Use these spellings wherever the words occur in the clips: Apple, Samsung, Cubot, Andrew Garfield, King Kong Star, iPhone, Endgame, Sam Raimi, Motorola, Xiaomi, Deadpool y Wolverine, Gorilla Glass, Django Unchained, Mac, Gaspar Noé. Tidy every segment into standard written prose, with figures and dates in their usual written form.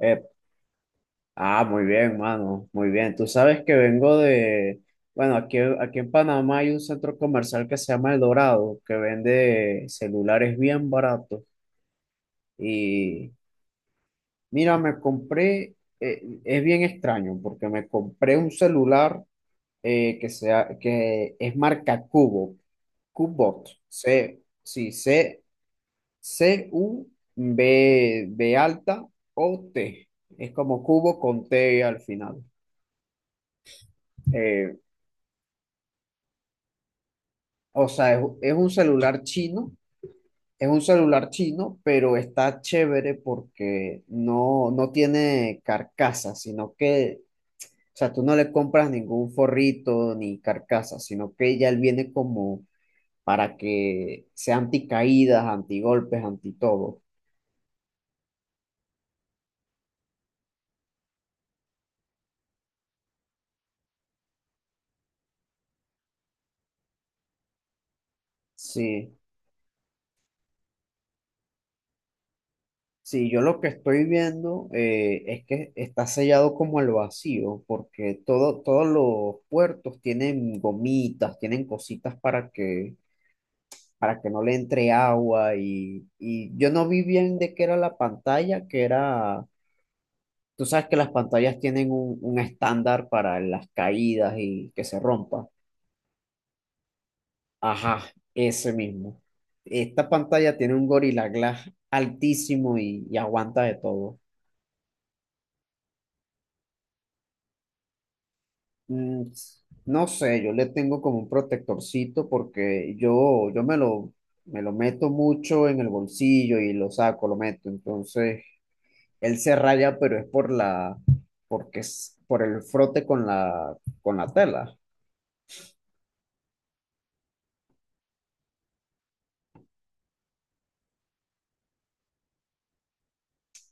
Eh, ah, muy bien, mano, muy bien. Tú sabes que vengo de, bueno, aquí en Panamá hay un centro comercial que se llama El Dorado, que vende celulares bien baratos. Y mira, me compré, es bien extraño, porque me compré un celular que, sea, que es marca Cubo, Cubot, C, sí, C, C, U, B, B alta, O, T. Es como cubo con T al final. Eh, O sea, es un celular chino, es un celular chino, pero está chévere porque no tiene carcasa, sino que, o sea, tú no le compras ningún forrito ni carcasa, sino que ya él viene como para que sea anticaídas, antigolpes, anti todo. Sí, sí, yo lo que estoy viendo es que está sellado como al vacío, porque todos los puertos tienen gomitas, tienen cositas para que no le entre agua y yo no vi bien de qué era la pantalla, que era, tú sabes que las pantallas tienen un estándar para las caídas y que se rompa. Ajá, ese mismo. Esta pantalla tiene un Gorilla Glass altísimo y aguanta de todo. Mm, no sé, yo le tengo como un protectorcito porque yo me lo meto mucho en el bolsillo y lo saco, lo meto. Entonces él se raya, pero es porque es por el frote con la tela.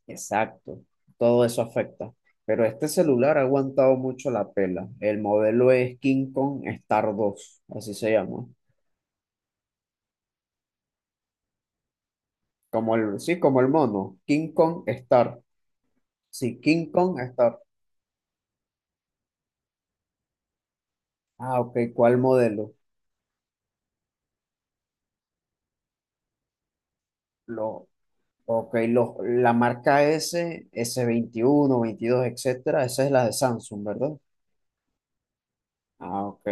Exacto, todo eso afecta. Pero este celular ha aguantado mucho la pela. El modelo es King Kong Star dos, así se llama. Sí, como el mono, King Kong Star. Sí, King Kong Star. Ah, ok, ¿cuál modelo? Lo, ok, la marca S, S21, S22, etcétera, esa es la de Samsung, ¿verdad? Ah, ok.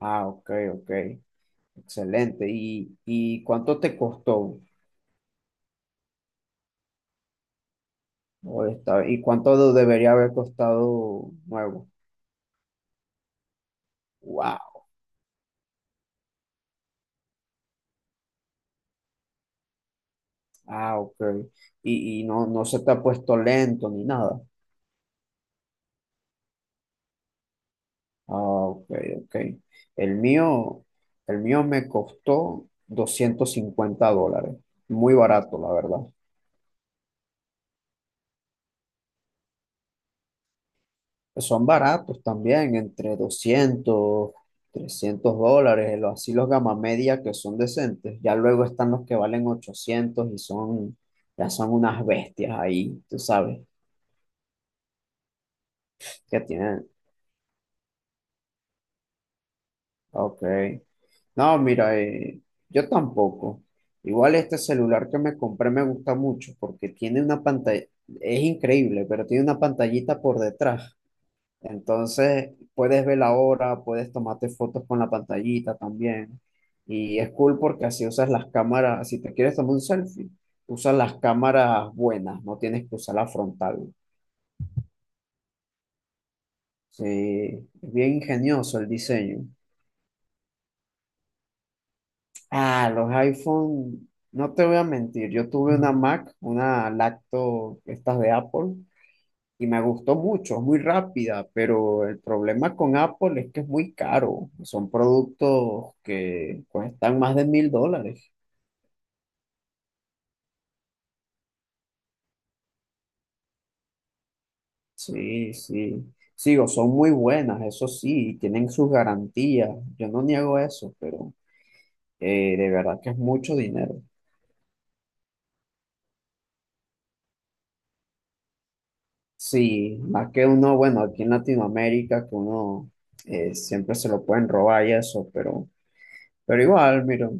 Ah, ok, ok. Excelente. ¿Y cuánto te costó? ¿Y cuánto debería haber costado nuevo? Wow. Ah, ok. Y no se te ha puesto lento ni nada. Ah, ok, ok. El mío, el mío me costó $250. Muy barato, la verdad. Pues, son baratos también, entre 200 300 dólares, así los gama media que son decentes. Ya luego están los que valen 800 y son, ya son unas bestias ahí, tú sabes, que tienen. Ok. No, mira, yo tampoco. Igual este celular que me compré me gusta mucho porque tiene una pantalla, es increíble, pero tiene una pantallita por detrás. Entonces, puedes ver la hora, puedes tomarte fotos con la pantallita también. Y es cool porque así usas las cámaras, si te quieres tomar un selfie, usas las cámaras buenas, no tienes que usar la frontal. Sí, es bien ingenioso el diseño. Ah, los iPhone, no te voy a mentir, yo tuve una Mac, una lacto, estas de Apple, y me gustó mucho, es muy rápida, pero el problema con Apple es que es muy caro. Son productos que cuestan más de $1,000. Sí, sí. Sigo, son muy buenas, eso sí, tienen sus garantías. Yo no niego eso, pero de verdad que es mucho dinero. Sí, más que uno, bueno, aquí en Latinoamérica, que uno siempre se lo pueden robar y eso, pero... Pero igual, mira,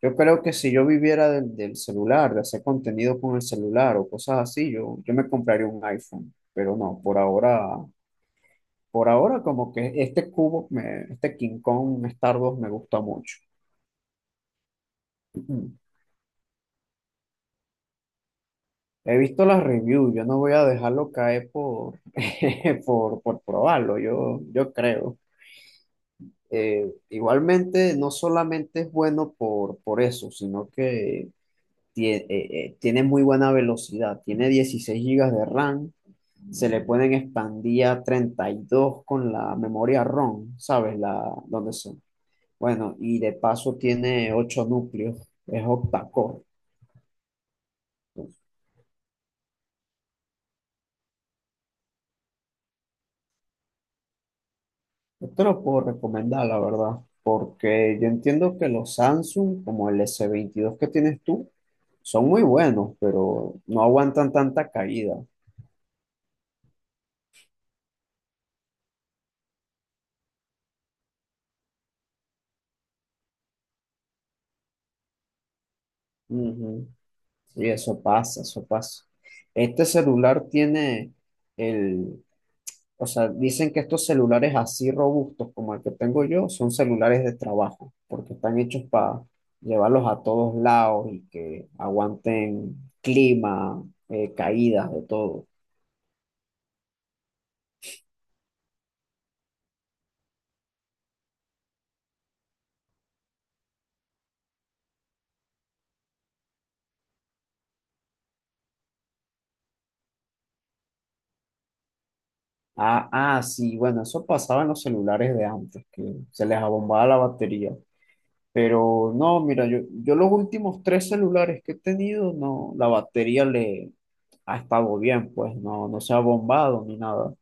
yo creo que si yo viviera del celular, de hacer contenido con el celular o cosas así, yo me compraría un iPhone. Pero no, por ahora como que este King Kong Star 2 me gusta mucho. Ujú. He visto las reviews, yo no voy a dejarlo caer por probarlo, yo creo. Igualmente, no solamente es bueno por eso, sino que tiene muy buena velocidad, tiene 16 gigas de RAM, se le pueden expandir a 32 con la memoria ROM, ¿sabes? La, donde son. Bueno, y de paso tiene 8 núcleos, es octa-core. Yo te lo puedo recomendar, la verdad, porque yo entiendo que los Samsung, como el S22 que tienes tú, son muy buenos, pero no aguantan tanta caída. Ujú. Sí, eso pasa, eso pasa. Este celular tiene el, o sea, dicen que estos celulares así robustos como el que tengo yo son celulares de trabajo, porque están hechos para llevarlos a todos lados y que aguanten clima, caídas, de todo. Ah, ah, sí, bueno, eso pasaba en los celulares de antes, que se les abombaba la batería. Pero no, mira, yo los últimos tres celulares que he tenido, no, la batería le ha estado bien, pues no se ha bombado ni nada.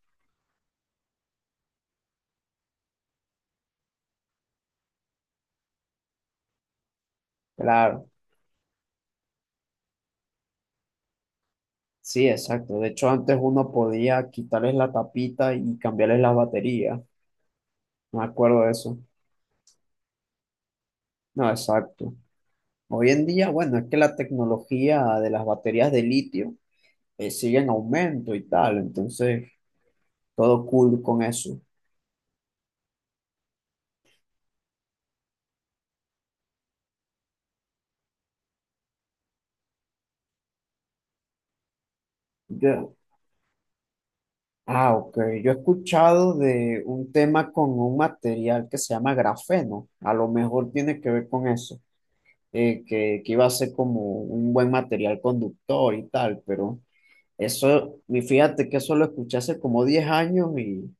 Claro, sí, exacto. De hecho, antes uno podía quitarles la tapita y cambiarles la batería. Me acuerdo de eso. No, exacto. Hoy en día, bueno, es que la tecnología de las baterías de litio sigue en aumento y tal, entonces todo cool con eso. Yo- Ah, ok. Yo he escuchado de un tema con un material que se llama grafeno. A lo mejor tiene que ver con eso, que iba a ser como un buen material conductor y tal, pero eso, y fíjate que eso lo escuché hace como 10 años y,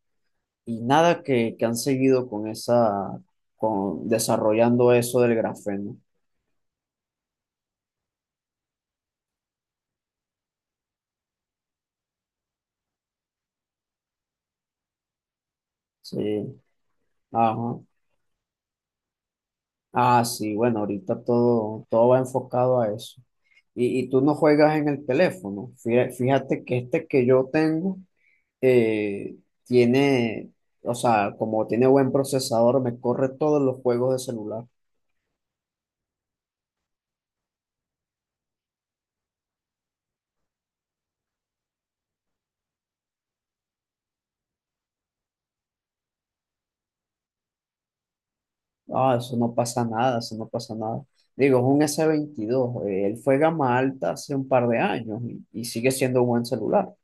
y nada que han seguido con desarrollando eso del grafeno. Sí, ajá. Ah, sí, bueno, ahorita todo va enfocado a eso. Y tú no juegas en el teléfono. Fíjate que este que yo tengo eh, tiene, o sea, como tiene buen procesador, me corre todos los juegos de celular. Ah, eso no pasa nada, eso no pasa nada. Digo, es un S22 él fue gama alta hace un par de años y sigue siendo un buen celular.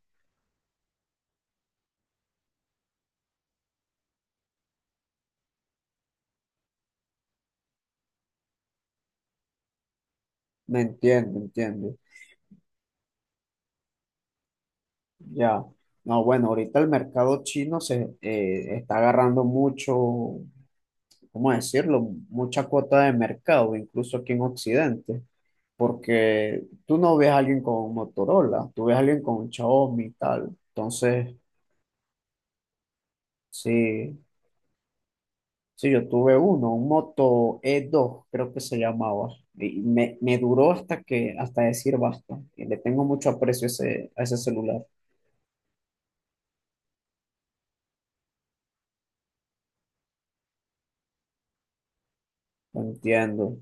Me entiendo, entiendo. Ya. No, bueno, ahorita el mercado chino se está agarrando mucho, ¿cómo decirlo? Mucha cuota de mercado, incluso aquí en Occidente, porque tú no ves a alguien con un Motorola, tú ves a alguien con un Xiaomi y tal. Entonces, sí, sí, yo tuve uno, un Moto e dos creo que se llamaba, y me duró hasta que, hasta decir basta, y le tengo mucho aprecio a ese celular, lo entiendo.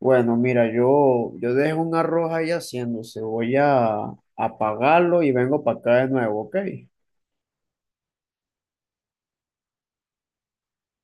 Bueno, mira, yo dejo un arroz ahí haciéndose, voy a apagarlo y vengo para acá de nuevo, ¿ok?